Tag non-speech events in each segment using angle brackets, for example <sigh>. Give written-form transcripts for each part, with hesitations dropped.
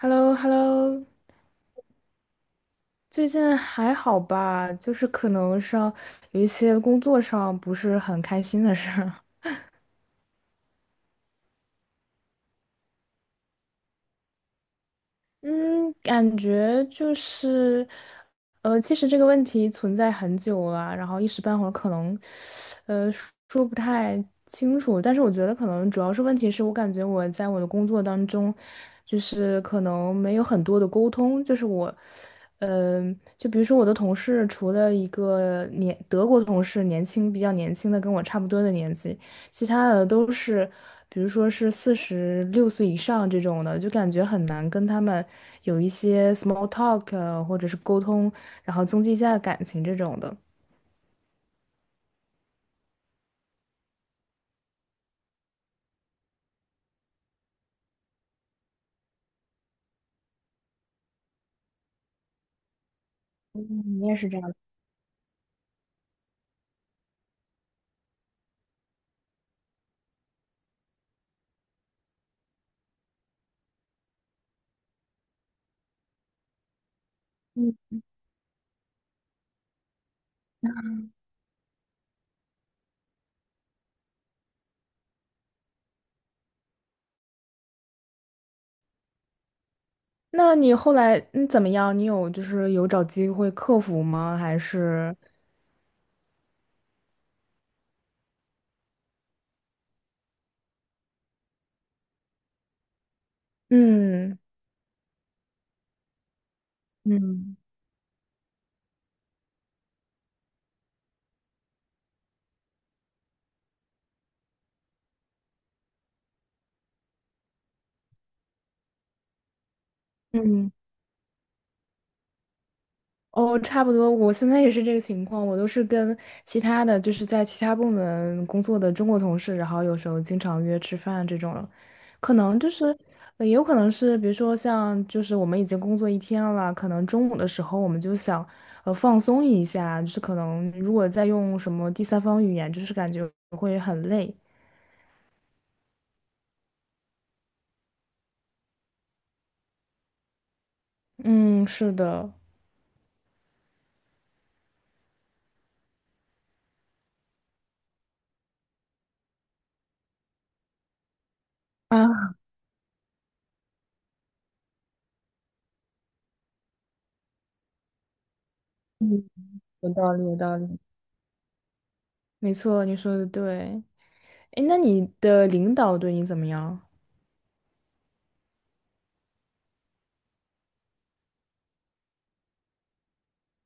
h e l l o h e l l o 最近还好吧？就是可能上有一些工作上不是很开心的事儿。嗯，感觉就是，其实这个问题存在很久了，然后一时半会儿可能，呃，说不太清楚。但是我觉得可能主要是问题是我感觉我在我的工作当中，就是可能没有很多的沟通，就是我，就比如说我的同事，除了一个德国同事，年轻比较年轻的，跟我差不多的年纪。其他的都是，比如说是46岁以上这种的，就感觉很难跟他们有一些 small talk 或者是沟通，然后增进一下感情这种的。嗯，你也是这样的。那你后来怎么样？你有就是有找机会克服吗？还是嗯嗯。嗯。哦，差不多，我现在也是这个情况，我都是跟其他的，就是在其他部门工作的中国同事，然后有时候经常约吃饭这种，可能就是，也有可能是，比如说像就是我们已经工作一天了，可能中午的时候我们就想，放松一下，就是可能如果再用什么第三方语言，就是感觉会很累。嗯，是的。啊，嗯，有道理，有道理，没错，你说的对。哎，那你的领导对你怎么样？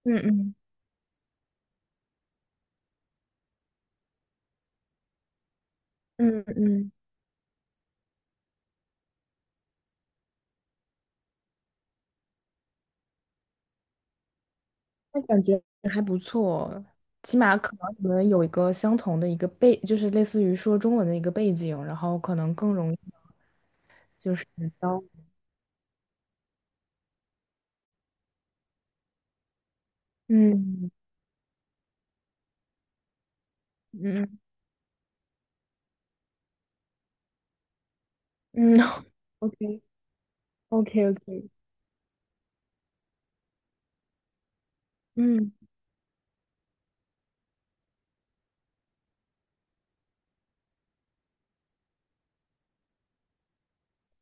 嗯嗯。嗯嗯，那感觉还不错，起码可能你们有一个相同的一个背，就是类似于说中文的一个背景，然后可能更容易交。嗯嗯嗯 o k o k o k <laughs> 嗯，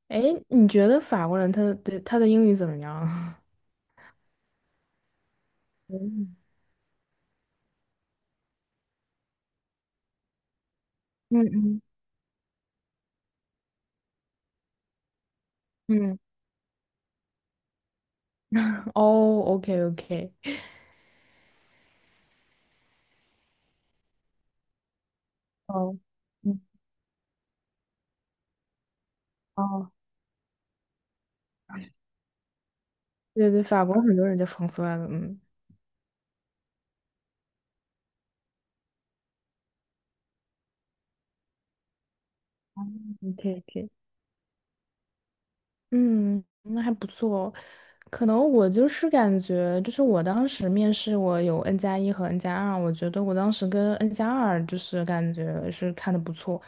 哎，你觉得法国人他的英语怎么样？<laughs> 嗯嗯嗯，嗯哦，OK OK，哦，嗯哦，对对，法国很多人叫 f r a n 嗯，OK OK。嗯，那还不错。可能我就是感觉，就是我当时面试，我有 N 加一和 N 加二，我觉得我当时跟 N 加二就是感觉是看的不错，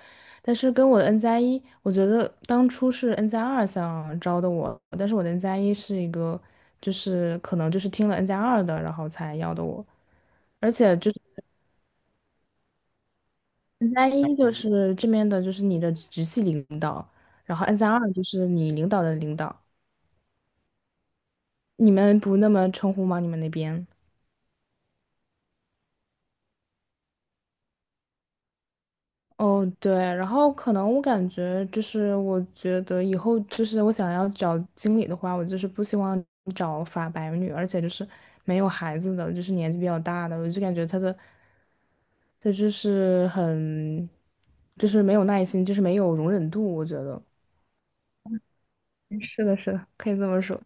但是跟我的 N 加一，我觉得当初是 N 加二想招的我，但是我的 N 加一是一个，就是可能就是听了 N 加二的，然后才要的我，而且就是 N 加一就是这边的，就是你的直系领导，然后 N 加二就是你领导的领导。你们不那么称呼吗？你们那边？哦，对，然后可能我感觉就是，我觉得以后就是我想要找经理的话，我就是不希望找法白女，而且就是没有孩子的，就是年纪比较大的，我就感觉她就是很，就是没有耐心，就是没有容忍度，我觉得。是的，是的，可以这么说。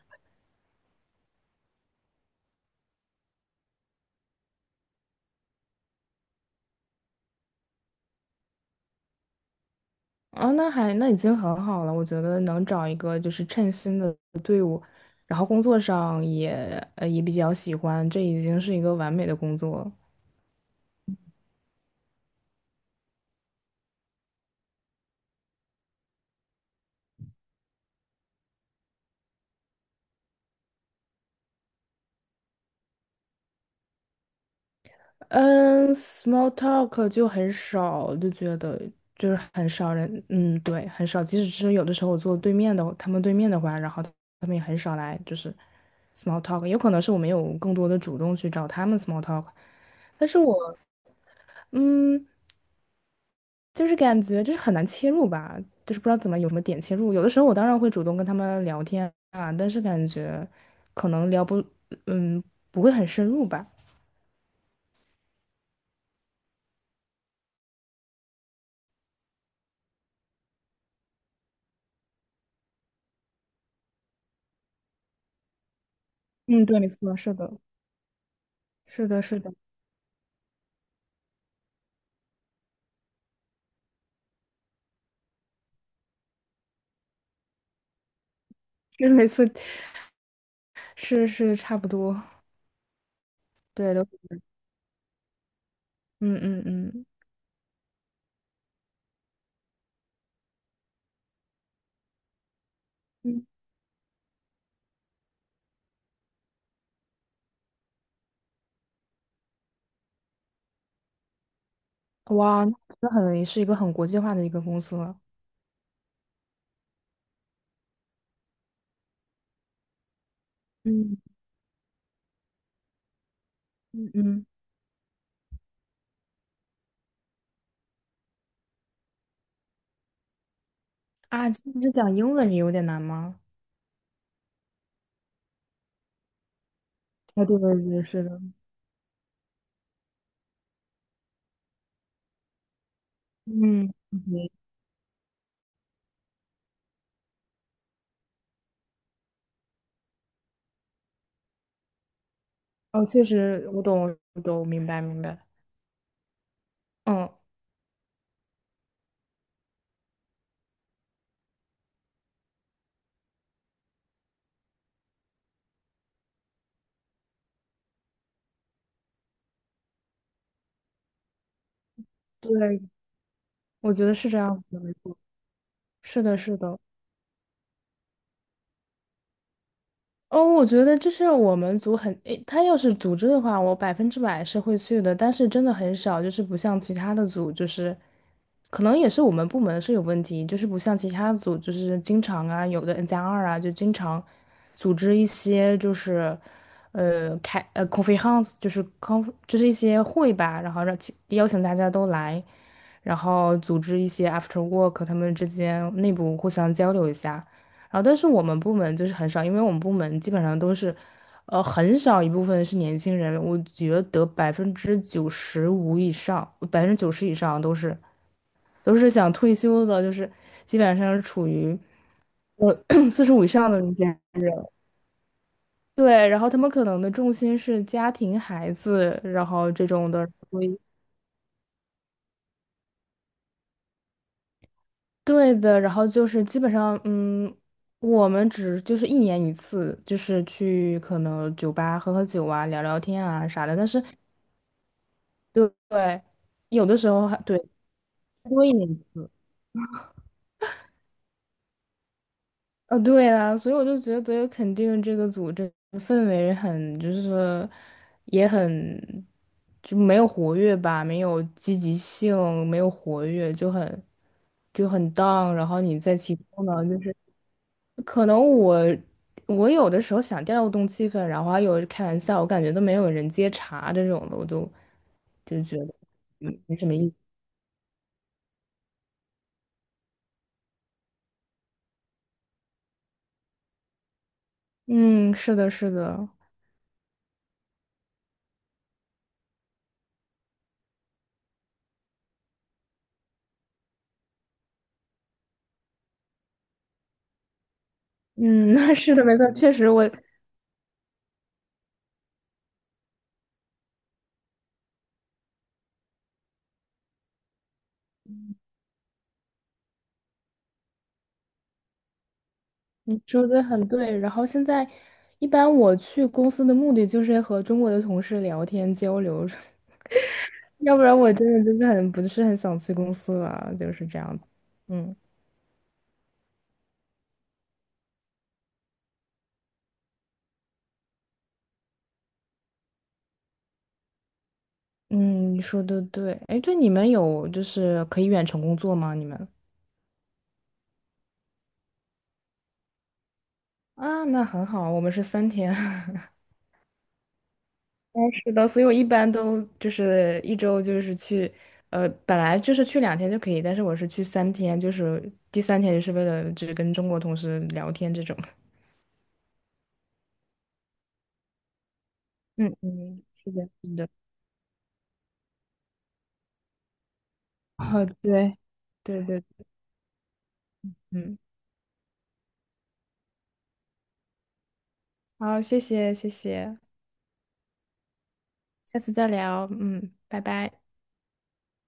啊，那已经很好了，我觉得能找一个就是称心的队伍，然后工作上也也比较喜欢，这已经是一个完美的工作了。嗯，small talk 就很少，就觉得就是很少人，嗯，对，很少。即使是有的时候我坐对面的，他们对面的话，然后他们也很少来，就是 small talk。有可能是我没有更多的主动去找他们 small talk，但是我，嗯。就是感觉就是很难切入吧，就是不知道怎么有什么点切入。有的时候我当然会主动跟他们聊天啊，但是感觉可能聊不，嗯，不会很深入吧。嗯，对，没错，是的，是的，是的 <laughs>，就是每次是差不多，对的，嗯嗯嗯嗯，哇，那很是一个很国际化的一个公司了。嗯嗯嗯，啊，其实讲英文也有点难吗？啊，对对对，是的，嗯 o 哦，确实，我懂，我懂，明白明白。嗯，对，我觉得是这样子的，没错。是的，是的，哦，我觉得就是我们组很，诶，他要是组织的话，我100%是会去的，但是真的很少，就是不像其他的组，就是可能也是我们部门是有问题，就是不像其他组，就是经常啊，有的 N 加二啊，就经常组织一些就是开conference，就是就是一些会吧，然后让其邀请大家都来，然后组织一些 after work，他们之间内部互相交流一下。然后，但是我们部门就是很少，因为我们部门基本上都是，很少一部分是年轻人，我觉得95%以上，百分之九十以上都是想退休的，就是基本上是处于呃45 <clears throat> 以上的中间人。对，然后他们可能的重心是家庭、孩子，然后这种的，所以。对的，然后就是基本上，嗯，我们只就是一年一次，就是去可能酒吧喝喝酒啊，聊聊天啊啥的。但是，对对，有的时候还对多一年一次，对啊，所以我就觉得肯定这个组这个氛围很就是也很就没有活跃吧，没有积极性，没有活跃，就很 down。然后你在其中呢，就是。可能我有的时候想调动气氛，然后还有开玩笑，我感觉都没有人接茬这种的，我都就觉得没什么意思。嗯，是的，是的，嗯，<laughs> 是的，没错，确实你说的很对。然后现在一般我去公司的目的就是和中国的同事聊天交流，<laughs> 要不然我真的就是不是很想去公司了，就是这样子。嗯嗯，你说的对。哎，对，你们有就是可以远程工作吗？你们？啊，那很好，我们是三天。<laughs> 哦，是的，所以我一般都就是一周就是去，本来就是去2天就可以，但是我是去三天，就是第三天就是为了只跟中国同事聊天这种。嗯嗯，是的，是的。哦，对，对对，嗯，好，谢谢谢谢，下次再聊，嗯，拜拜。